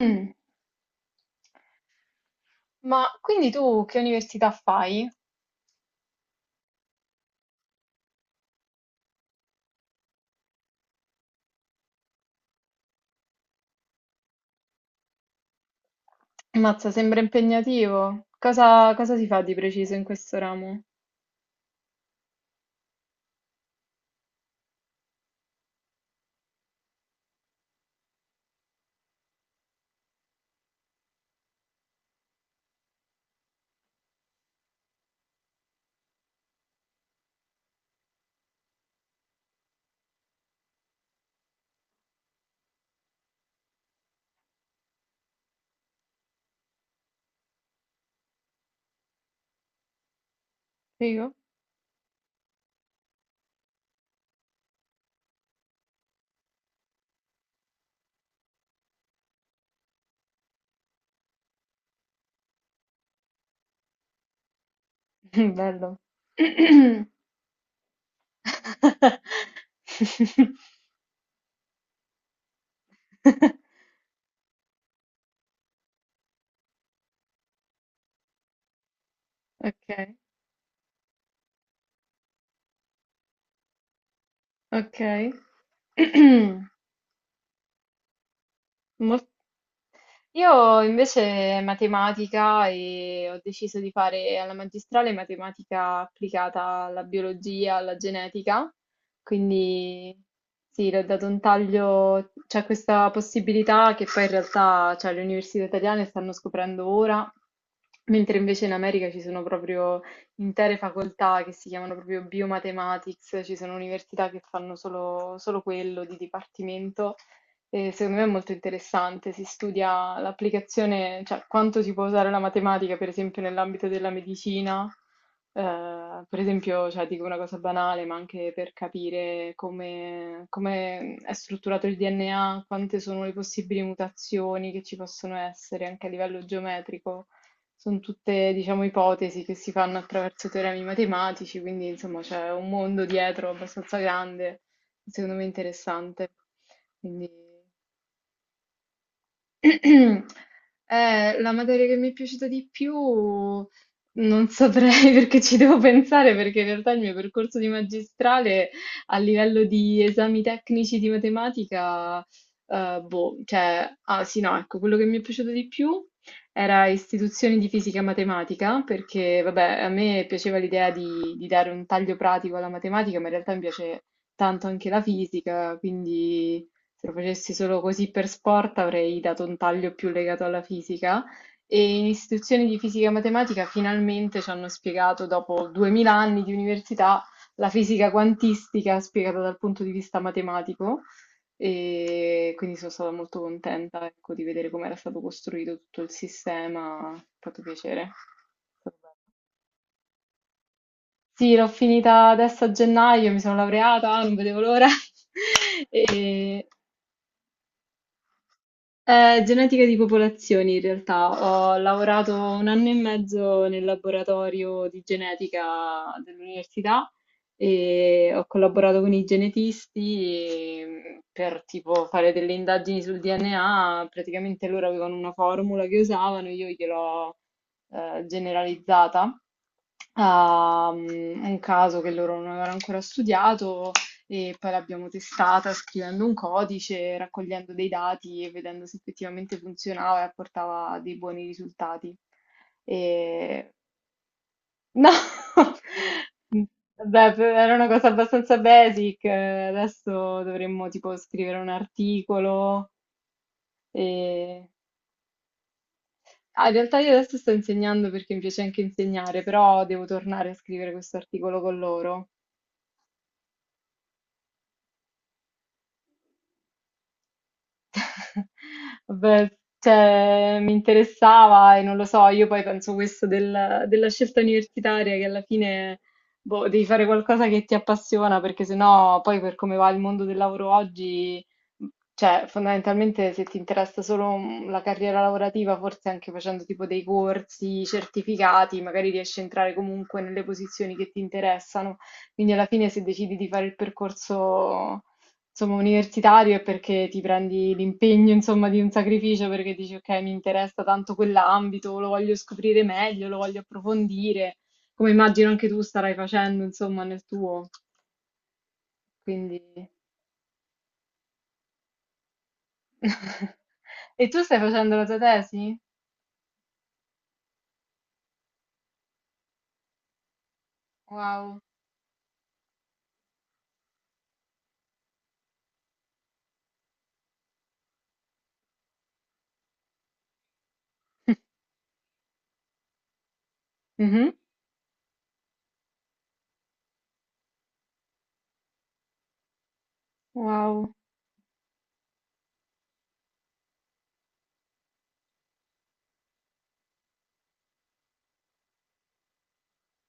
Mh. Ma quindi tu che università fai? Ammazza, sembra impegnativo. Cosa si fa di preciso in questo ramo? Figo? Bello. Ok, ok. Molto Io invece matematica e ho deciso di fare alla magistrale matematica applicata alla biologia, alla genetica, quindi sì, le ho dato un taglio, c'è questa possibilità che poi in realtà cioè, le università italiane stanno scoprendo ora, mentre invece in America ci sono proprio intere facoltà che si chiamano proprio biomathematics, ci sono università che fanno solo quello di dipartimento. E secondo me è molto interessante, si studia l'applicazione, cioè quanto si può usare la matematica, per esempio, nell'ambito della medicina, per esempio, cioè, dico una cosa banale, ma anche per capire come è strutturato il DNA, quante sono le possibili mutazioni che ci possono essere anche a livello geometrico. Sono tutte, diciamo, ipotesi che si fanno attraverso teoremi matematici, quindi insomma c'è un mondo dietro abbastanza grande, secondo me interessante. Quindi la materia che mi è piaciuta di più non saprei perché ci devo pensare, perché in realtà il mio percorso di magistrale a livello di esami tecnici di matematica, boh, cioè, ah sì, no, ecco, quello che mi è piaciuto di più era istituzioni di fisica matematica, perché vabbè, a me piaceva l'idea di dare un taglio pratico alla matematica, ma in realtà mi piace tanto anche la fisica, quindi se lo facessi solo così per sport avrei dato un taglio più legato alla fisica e in istituzioni di fisica e matematica finalmente ci hanno spiegato, dopo 2000 anni di università, la fisica quantistica spiegata dal punto di vista matematico e quindi sono stata molto contenta, ecco, di vedere come era stato costruito tutto il sistema, è fatto piacere. Sì, l'ho finita adesso a gennaio, mi sono laureata, non vedevo l'ora. E... genetica di popolazioni, in realtà. Ho lavorato 1 anno e mezzo nel laboratorio di genetica dell'università e ho collaborato con i genetisti e, per tipo fare delle indagini sul DNA. Praticamente loro avevano una formula che usavano, io gliel'ho generalizzata a un caso che loro non avevano ancora studiato e poi l'abbiamo testata scrivendo un codice, raccogliendo dei dati e vedendo se effettivamente funzionava e apportava dei buoni risultati. E... No, vabbè, era una cosa abbastanza basic, adesso dovremmo tipo scrivere un articolo. e... Ah, in realtà io adesso sto insegnando perché mi piace anche insegnare, però devo tornare a scrivere questo articolo con loro. Vabbè, cioè, mi interessava e non lo so, io poi penso questo della scelta universitaria che alla fine boh, devi fare qualcosa che ti appassiona perché sennò poi per come va il mondo del lavoro oggi, cioè fondamentalmente se ti interessa solo la carriera lavorativa, forse anche facendo tipo dei corsi certificati, magari riesci a entrare comunque nelle posizioni che ti interessano. Quindi alla fine se decidi di fare il percorso, insomma, universitario è perché ti prendi l'impegno, insomma, di un sacrificio perché dici, ok, mi interessa tanto quell'ambito, lo voglio scoprire meglio, lo voglio approfondire, come immagino anche tu starai facendo, insomma, nel tuo. Quindi... E tu stai facendo la tua tesi? Wow. Mhm. Wow,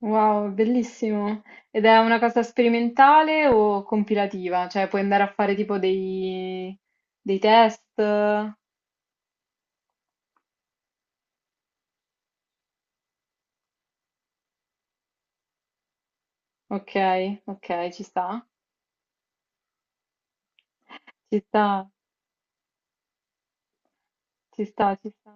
wow, bellissimo. Ed è una cosa sperimentale o compilativa? Cioè, puoi andare a fare tipo dei test? Ok, ok, ci sta. Ci sta, ci sta, ci sta.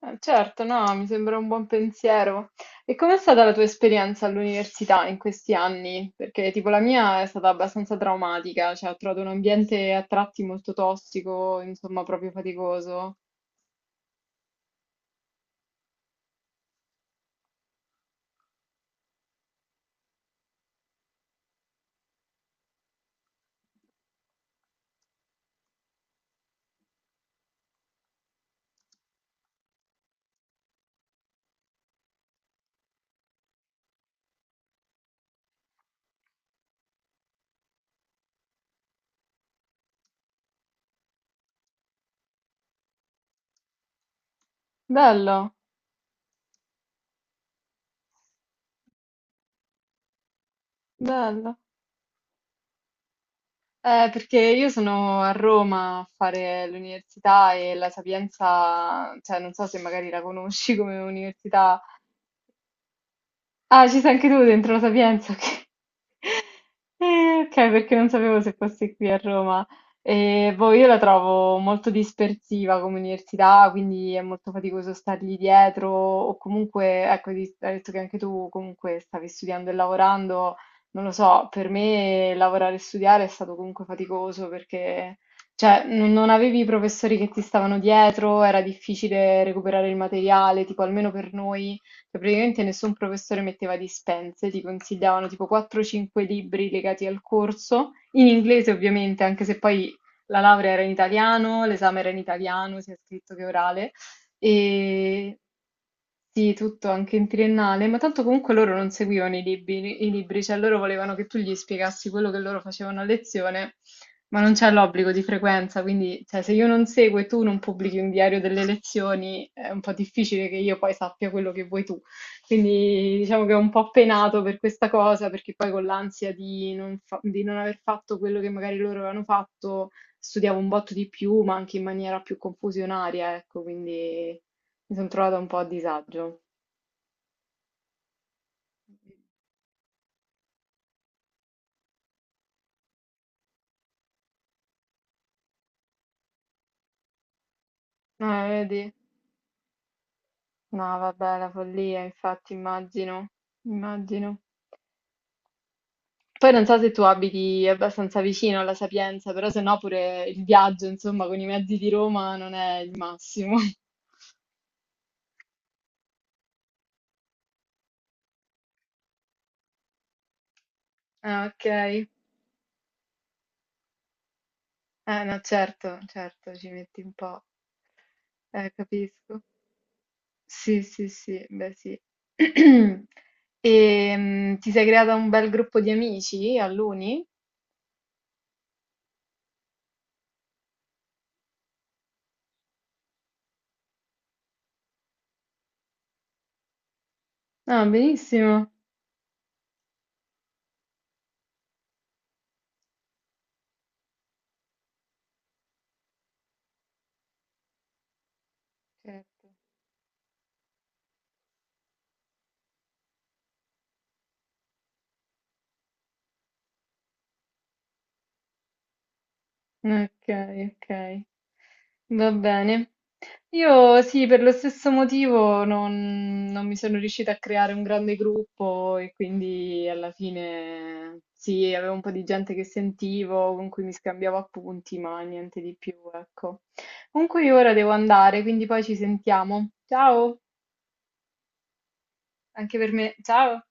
Certo, no, mi sembra un buon pensiero. E com'è stata la tua esperienza all'università in questi anni? Perché tipo la mia è stata abbastanza traumatica, cioè ho trovato un ambiente a tratti molto tossico, insomma, proprio faticoso. Bello, bello. Perché io sono a Roma a fare l'università e la Sapienza, cioè non so se magari la conosci come università. Ah, ci sei anche tu dentro la Sapienza, ok. Ok, perché non sapevo se fossi qui a Roma. Boh, io la trovo molto dispersiva come università, quindi è molto faticoso stargli dietro, o comunque, ecco, hai detto che anche tu comunque stavi studiando e lavorando, non lo so, per me lavorare e studiare è stato comunque faticoso perché, cioè, non avevi i professori che ti stavano dietro, era difficile recuperare il materiale, tipo almeno per noi. Cioè, praticamente nessun professore metteva dispense, ti consigliavano tipo 4-5 libri legati al corso, in inglese ovviamente, anche se poi la laurea era in italiano, l'esame era in italiano, sia scritto che orale, e sì, tutto anche in triennale, ma tanto comunque loro non seguivano i libri, cioè loro volevano che tu gli spiegassi quello che loro facevano a lezione, ma non c'è l'obbligo di frequenza, quindi cioè, se io non seguo e tu non pubblichi un diario delle lezioni, è un po' difficile che io poi sappia quello che vuoi tu. Quindi diciamo che è un po' penato per questa cosa, perché poi con l'ansia di non fa- di non aver fatto quello che magari loro avevano fatto studiavo un botto di più, ma anche in maniera più confusionaria, ecco, quindi mi sono trovata un po' a disagio. Vedi? No, vabbè, la follia, infatti, immagino, immagino. Poi non so se tu abiti abbastanza vicino alla Sapienza, però se no pure il viaggio, insomma, con i mezzi di Roma non è il massimo. Ah, ok. No, certo, certo, ci metti un po'. Capisco. Sì, sì, sì, beh sì. E ti sei creata un bel gruppo di amici all'uni? Ah, benissimo. Certo. Ok, ok. Va bene. Io sì, per lo stesso motivo non mi sono riuscita a creare un grande gruppo e quindi alla fine sì, avevo un po' di gente che sentivo, con cui mi scambiavo appunti, ma niente di più, ecco. Comunque io ora devo andare, quindi poi ci sentiamo. Ciao! Anche per me. Ciao.